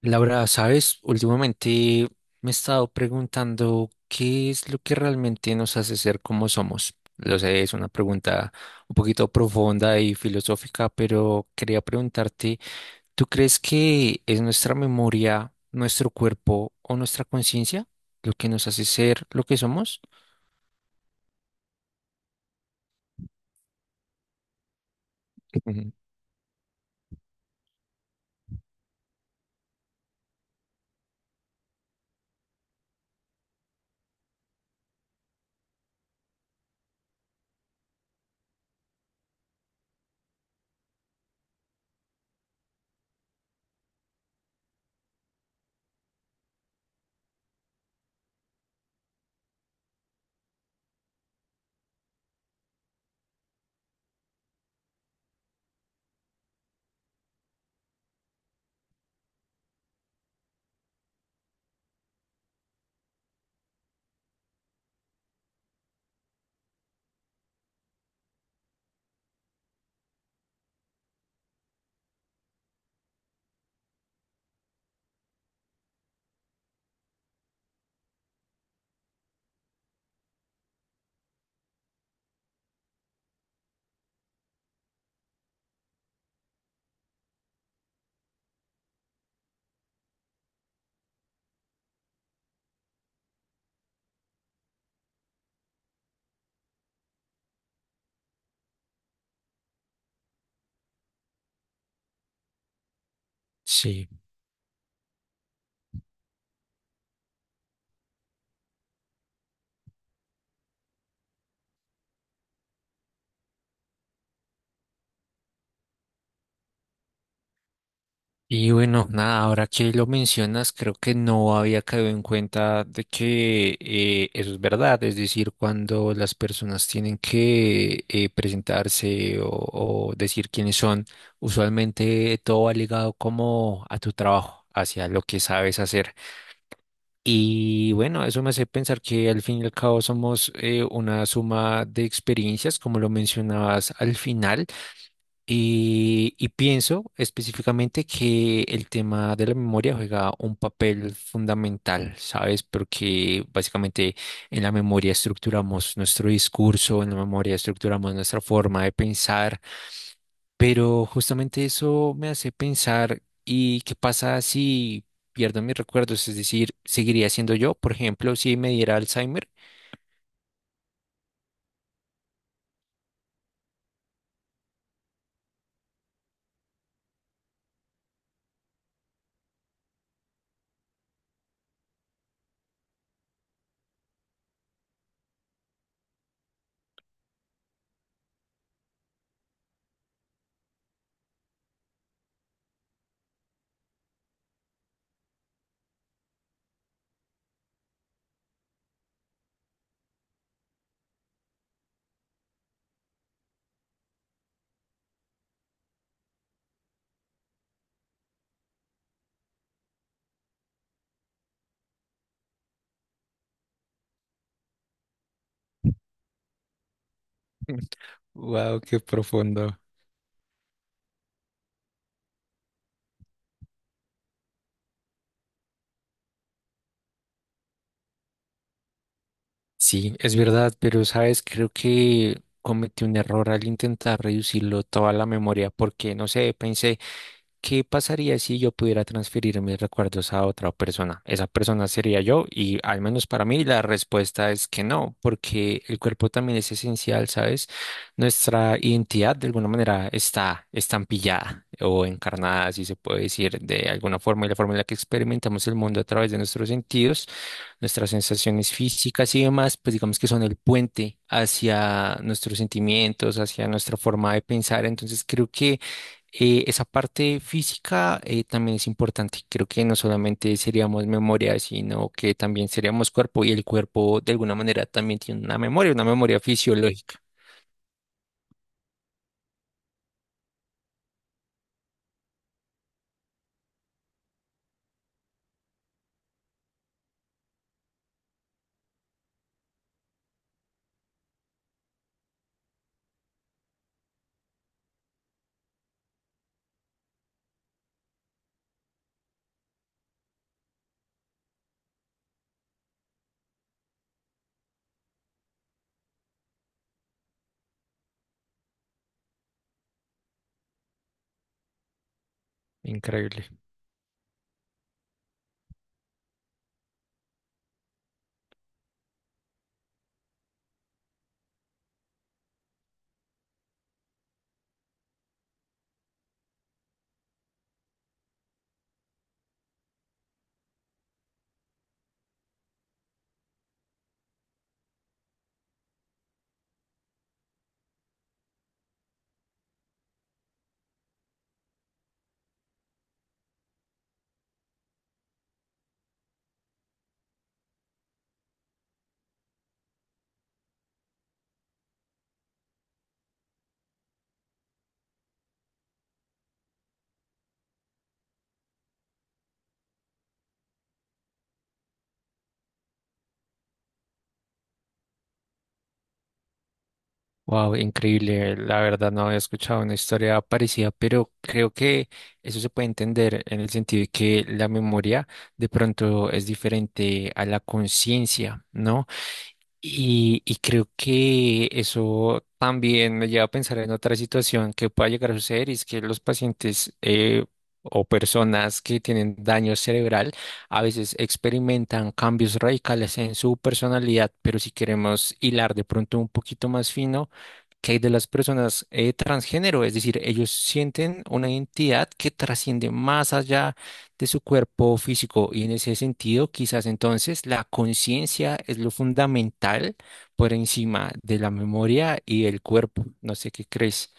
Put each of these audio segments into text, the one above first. Laura, ¿sabes? Últimamente me he estado preguntando qué es lo que realmente nos hace ser como somos. Lo sé, es una pregunta un poquito profunda y filosófica, pero quería preguntarte, ¿tú crees que es nuestra memoria, nuestro cuerpo o nuestra conciencia lo que nos hace ser lo que somos? Ujú. Sí. Y bueno, nada, ahora que lo mencionas, creo que no había caído en cuenta de que eso es verdad, es decir, cuando las personas tienen que presentarse o decir quiénes son, usualmente todo va ligado como a tu trabajo, hacia lo que sabes hacer. Y bueno, eso me hace pensar que al fin y al cabo somos una suma de experiencias, como lo mencionabas al final. Y pienso específicamente que el tema de la memoria juega un papel fundamental, ¿sabes? Porque básicamente en la memoria estructuramos nuestro discurso, en la memoria estructuramos nuestra forma de pensar, pero justamente eso me hace pensar, ¿y qué pasa si pierdo mis recuerdos? Es decir, ¿seguiría siendo yo, por ejemplo, si me diera Alzheimer? Wow, qué profundo. Sí, es verdad, pero sabes, creo que cometí un error al intentar reducirlo toda la memoria, porque no sé, pensé. ¿Qué pasaría si yo pudiera transferir mis recuerdos a otra persona? Esa persona sería yo y al menos para mí la respuesta es que no, porque el cuerpo también es esencial, ¿sabes? Nuestra identidad de alguna manera está estampillada o encarnada, si se puede decir, de alguna forma y la forma en la que experimentamos el mundo a través de nuestros sentidos, nuestras sensaciones físicas y demás, pues digamos que son el puente hacia nuestros sentimientos, hacia nuestra forma de pensar. Entonces creo que esa parte física también es importante. Creo que no solamente seríamos memoria, sino que también seríamos cuerpo y el cuerpo de alguna manera también tiene una memoria fisiológica. Increíble. Wow, increíble. La verdad no había escuchado una historia parecida, pero creo que eso se puede entender en el sentido de que la memoria de pronto es diferente a la conciencia, ¿no? Y creo que eso también me lleva a pensar en otra situación que pueda llegar a suceder, y es que los pacientes o personas que tienen daño cerebral a veces experimentan cambios radicales en su personalidad, pero si queremos hilar de pronto un poquito más fino, que hay de las personas transgénero? Es decir, ellos sienten una identidad que trasciende más allá de su cuerpo físico. Y en ese sentido, quizás entonces la conciencia es lo fundamental por encima de la memoria y el cuerpo. No sé qué crees.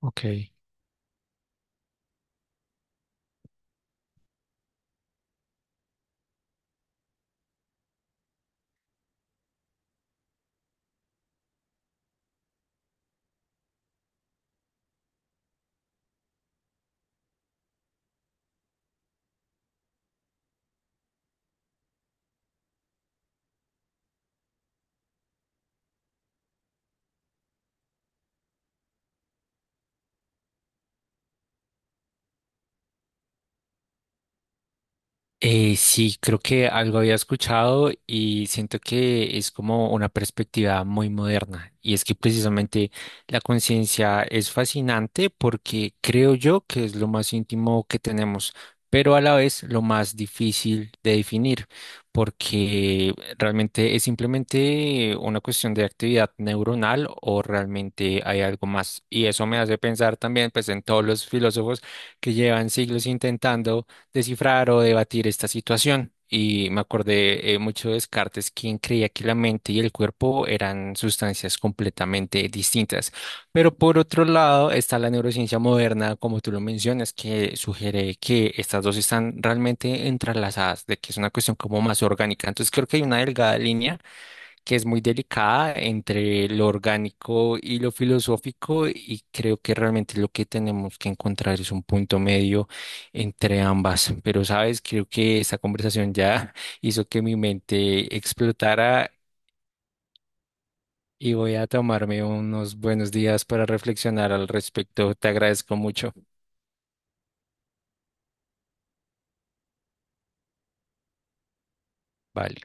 Ok. Sí, creo que algo había escuchado y siento que es como una perspectiva muy moderna. Y es que precisamente la conciencia es fascinante porque creo yo que es lo más íntimo que tenemos, pero a la vez lo más difícil de definir, porque realmente es simplemente una cuestión de actividad neuronal o realmente hay algo más. Y eso me hace pensar también pues en todos los filósofos que llevan siglos intentando descifrar o debatir esta situación. Y me acordé mucho de Descartes, quien creía que la mente y el cuerpo eran sustancias completamente distintas. Pero por otro lado está la neurociencia moderna, como tú lo mencionas, que sugiere que estas dos están realmente entrelazadas, de que es una cuestión como más orgánica. Entonces creo que hay una delgada línea que es muy delicada entre lo orgánico y lo filosófico y creo que realmente lo que tenemos que encontrar es un punto medio entre ambas. Pero sabes, creo que esta conversación ya hizo que mi mente explotara y voy a tomarme unos buenos días para reflexionar al respecto. Te agradezco mucho. Vale.